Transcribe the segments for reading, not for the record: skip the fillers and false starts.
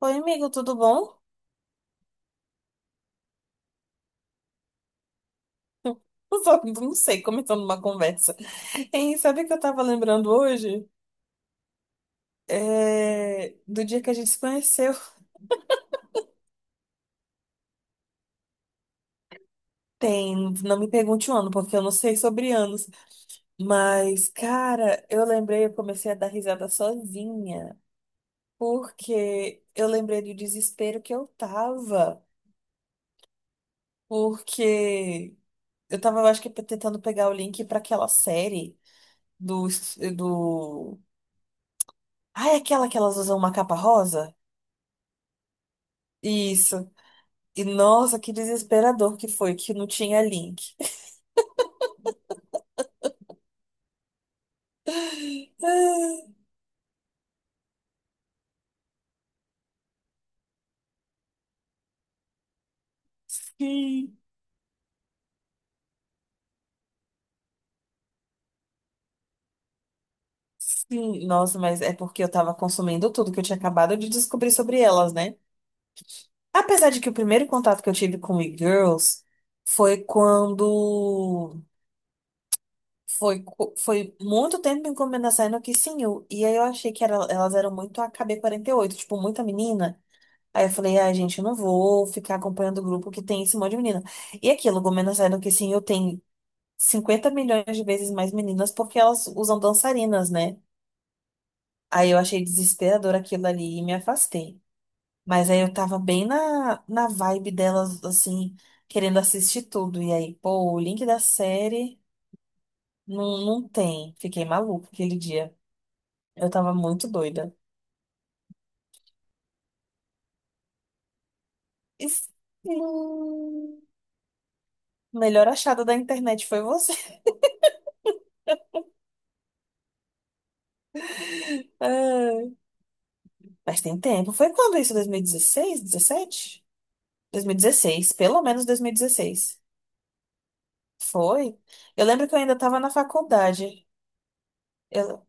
Oi, amigo, tudo bom? Só que não sei, começando uma conversa. E sabe o que eu tava lembrando hoje? É, do dia que a gente se conheceu. Tem, não me pergunte o ano, porque eu não sei sobre anos. Mas, cara, eu lembrei, eu comecei a dar risada sozinha, porque eu lembrei do desespero que eu tava, porque eu acho que tentando pegar o link pra aquela série do, do. Ah, é aquela que elas usam uma capa rosa? Isso. E nossa, que desesperador que foi, que não tinha link. Ah, sim, sim. Nossa, mas é porque eu tava consumindo tudo que eu tinha acabado de descobrir sobre elas, né? Apesar de que o primeiro contato que eu tive com e-girls foi quando. Foi muito tempo encomendando saindo que sim, e aí eu achei que elas eram muito a KB48 tipo, muita menina. Aí eu falei, ah, gente, eu não vou ficar acompanhando o grupo que tem esse monte de menina. E aquilo, Gomena saindo que sim, eu tenho 50 milhões de vezes mais meninas porque elas usam dançarinas, né? Aí eu achei desesperador aquilo ali e me afastei. Mas aí eu tava bem na vibe delas, assim, querendo assistir tudo. E aí, pô, o link da série não, não tem. Fiquei maluca aquele dia. Eu tava muito doida. Isso- Hum, Melhor achada da internet foi você. Ai, mas tem tempo. Foi quando isso? 2016? 17? 2016, pelo menos 2016. Foi? Eu lembro que eu ainda estava na faculdade. Eu,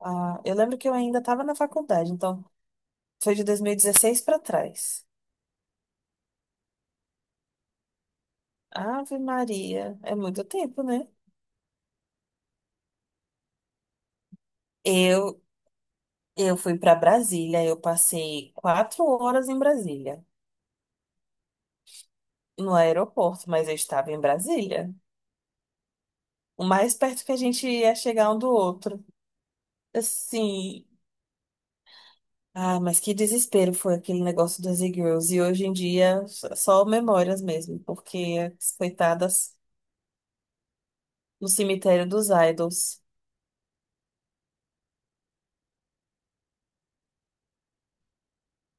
eu lembro que eu ainda estava na faculdade, então foi de 2016 para trás. Ave Maria, é muito tempo, né? Eu, eu fui para Brasília, eu passei 4 horas em Brasília, no aeroporto, mas eu estava em Brasília, o mais perto que a gente ia chegar um do outro. Assim, ah, mas que desespero foi aquele negócio das e-girls, e hoje em dia só memórias mesmo, porque as coitadas. No cemitério dos idols.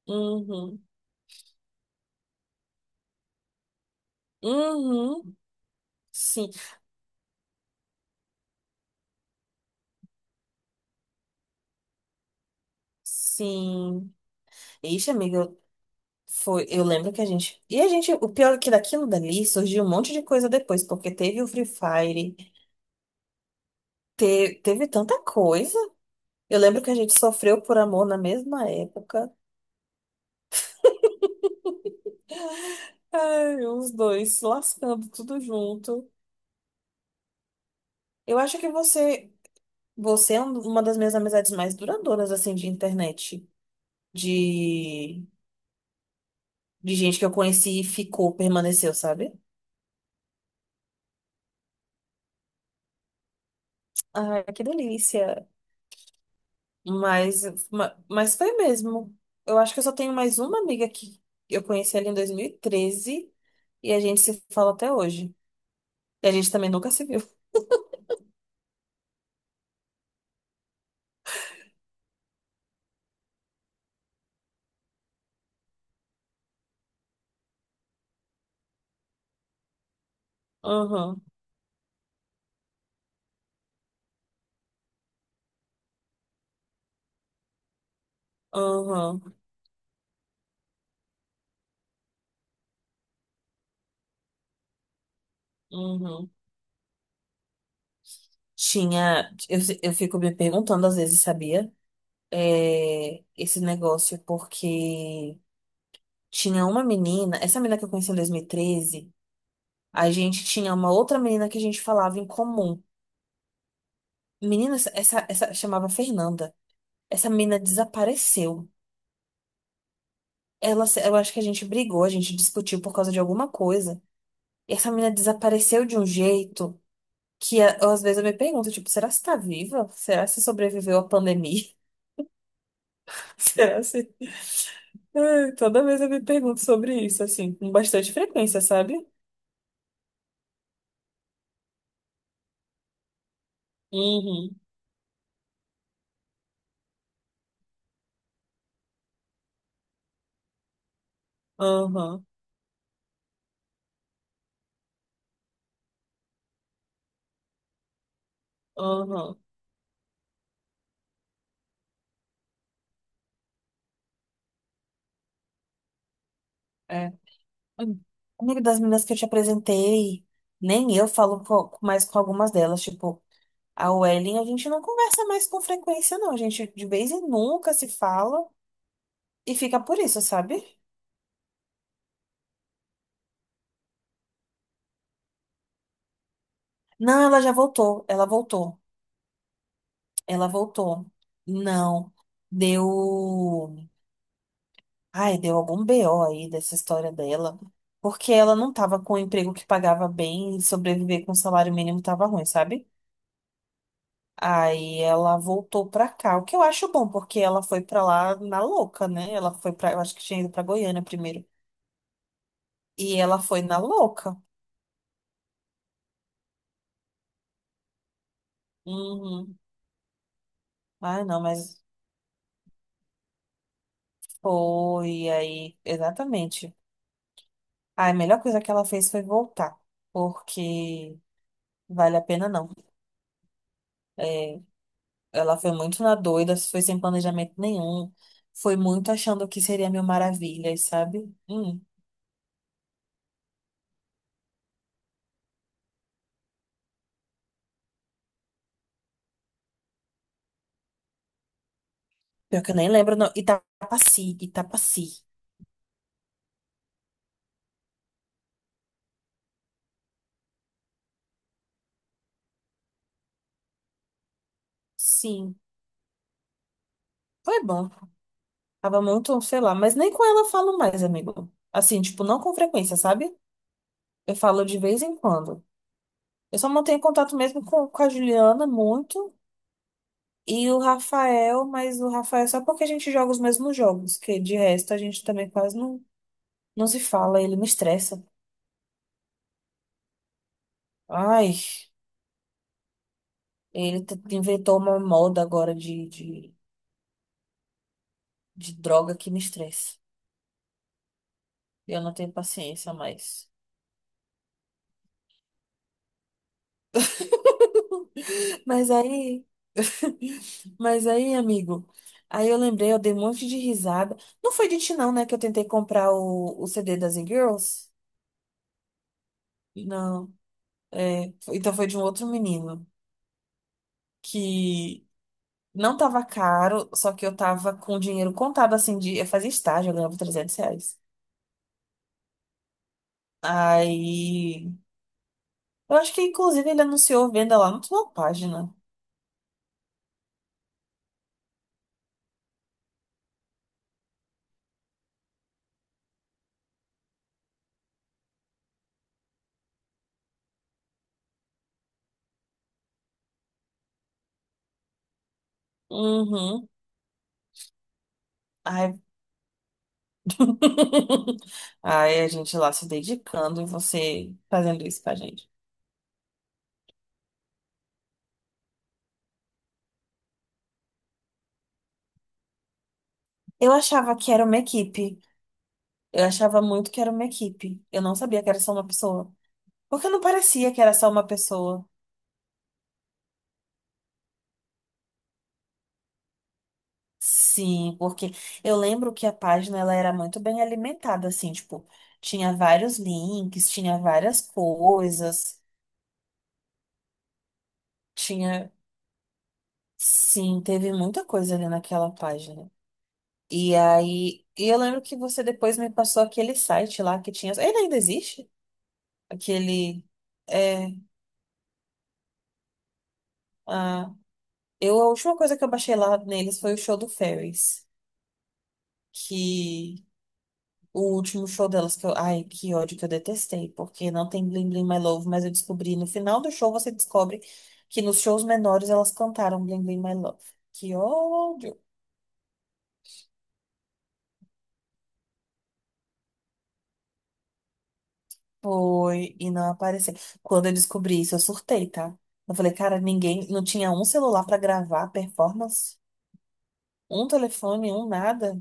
Uhum. Uhum. Sim. Sim. Ixi, amiga, foi, eu lembro que a gente. E a gente, o pior é que daquilo dali surgiu um monte de coisa depois, porque teve o Free Fire, teve tanta coisa. Eu lembro que a gente sofreu por amor na mesma época. Ai, os dois se lascando tudo junto. Eu acho que você é uma das minhas amizades mais duradouras, assim, de internet. De de gente que eu conheci e ficou, permaneceu, sabe? Ai, que delícia. Mas, mas foi mesmo. Eu acho que eu só tenho mais uma amiga que eu conheci ali em 2013 e a gente se fala até hoje. E a gente também nunca se viu. Uhum, uhum, uhum. Tinha. Eu, se- eu fico me perguntando às vezes, sabia? É, esse negócio, porque tinha uma menina, essa menina que eu conheci em 2013 a gente tinha uma outra menina que a gente falava em comum. Menina, chamava Fernanda. Essa menina desapareceu. Ela, se- eu acho que a gente brigou, a gente discutiu por causa de alguma coisa. E essa menina desapareceu de um jeito que às vezes eu me pergunto, tipo, será que você tá viva? Será que você sobreviveu à pandemia? Será que você. Ai, toda vez eu me pergunto sobre isso, assim, com bastante frequência, sabe? Uhum, aham, aham, é. Hum. Amigo das meninas que eu te apresentei, nem eu falo mais com algumas delas, tipo. A Welling a gente não conversa mais com frequência, não. A gente de vez em nunca se fala e fica por isso, sabe? Não, ela já voltou. Ela voltou. Ela voltou. Não. Deu. Ai, deu algum BO aí dessa história dela. Porque ela não tava com um emprego que pagava bem e sobreviver com salário mínimo tava ruim, sabe? Aí ela voltou pra cá, o que eu acho bom, porque ela foi pra lá na louca, né? Ela foi pra. Eu acho que tinha ido pra Goiânia primeiro. E ela foi na louca. Uhum. Ah, não, mas foi aí, exatamente. Ah, a melhor coisa que ela fez foi voltar, porque vale a pena não. É, ela foi muito na doida, foi sem planejamento nenhum, foi muito achando que seria mil maravilhas, sabe? Pior que eu nem lembro, não. Itapaci, Itapaci. Sim, foi bom. Tava muito, sei lá, mas nem com ela eu falo mais, amigo. Assim, tipo, não com frequência, sabe? Eu falo de vez em quando. Eu só mantenho contato mesmo com a Juliana muito. E o Rafael, mas o Rafael é só porque a gente joga os mesmos jogos, que de resto a gente também quase não, não se fala, ele me estressa. Ai, ele inventou uma moda agora de droga que me estressa. Eu não tenho paciência mais. Mas aí, mas aí, amigo, aí eu lembrei, eu dei um monte de risada. Não foi de ti, não, né, que eu tentei comprar o CD das e Girls? Não, é, então foi de um outro menino que não tava caro, só que eu tava com dinheiro contado, assim, de. Eu fazia estágio, eu ganhava R$ 300. Aí. Eu acho que, inclusive, ele anunciou venda lá na sua página. Uhum. Ai. Ai, a gente lá se dedicando e você fazendo isso pra gente. Eu achava que era uma equipe. Eu achava muito que era uma equipe. Eu não sabia que era só uma pessoa. Porque não parecia que era só uma pessoa. Sim, porque eu lembro que a página ela era muito bem alimentada, assim, tipo, tinha vários links, tinha várias coisas, tinha, sim, teve muita coisa ali naquela página. E aí, e eu lembro que você depois me passou aquele site lá que tinha, ele ainda existe? Aquele, é, ah, a última coisa que eu baixei lá neles foi o show do Ferris, que o último show delas que eu. Ai, que ódio que eu detestei, porque não tem Bling Bling My Love, mas eu descobri no final do show você descobre que nos shows menores elas cantaram Bling Bling My Love. Que ódio! Foi, e não apareceu. Quando eu descobri isso, eu surtei, tá? Eu falei, cara, ninguém. Não tinha um celular pra gravar a performance, um telefone, um nada,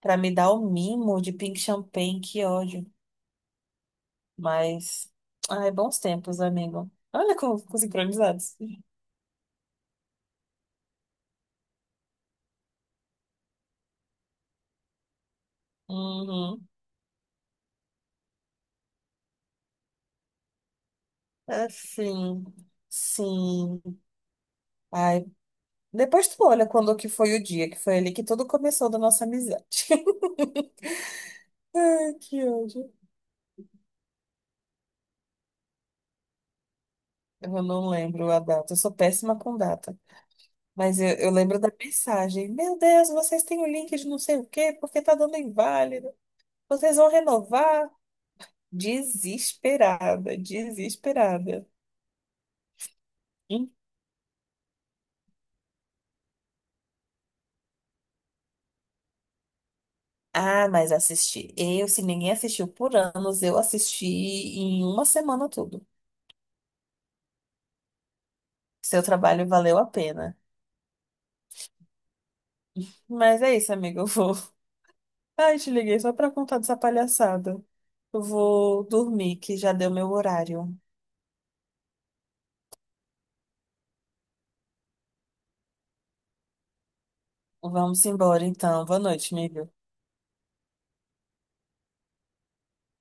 pra me dar o mimo de Pink Champagne. Que ódio. Mas. Ai, bons tempos, amigo. Olha como ficou sincronizados. Uhum. Assim, sim. Ai, depois tu olha quando que foi o dia, que foi ali que tudo começou da nossa amizade. Ai, que ódio. Eu não lembro a data, eu sou péssima com data. Mas eu lembro da mensagem. Meu Deus, vocês têm o link de não sei o quê, porque tá dando inválido. Vocês vão renovar? Desesperada, desesperada. Hum. Ah, mas assisti. Eu, se ninguém assistiu por anos, eu assisti em uma semana tudo. Seu trabalho valeu a pena. Mas é isso, amiga. Eu vou. Ai, te liguei só pra contar dessa palhaçada. Eu vou dormir, que já deu meu horário. Vamos embora, então. Boa noite, amiga.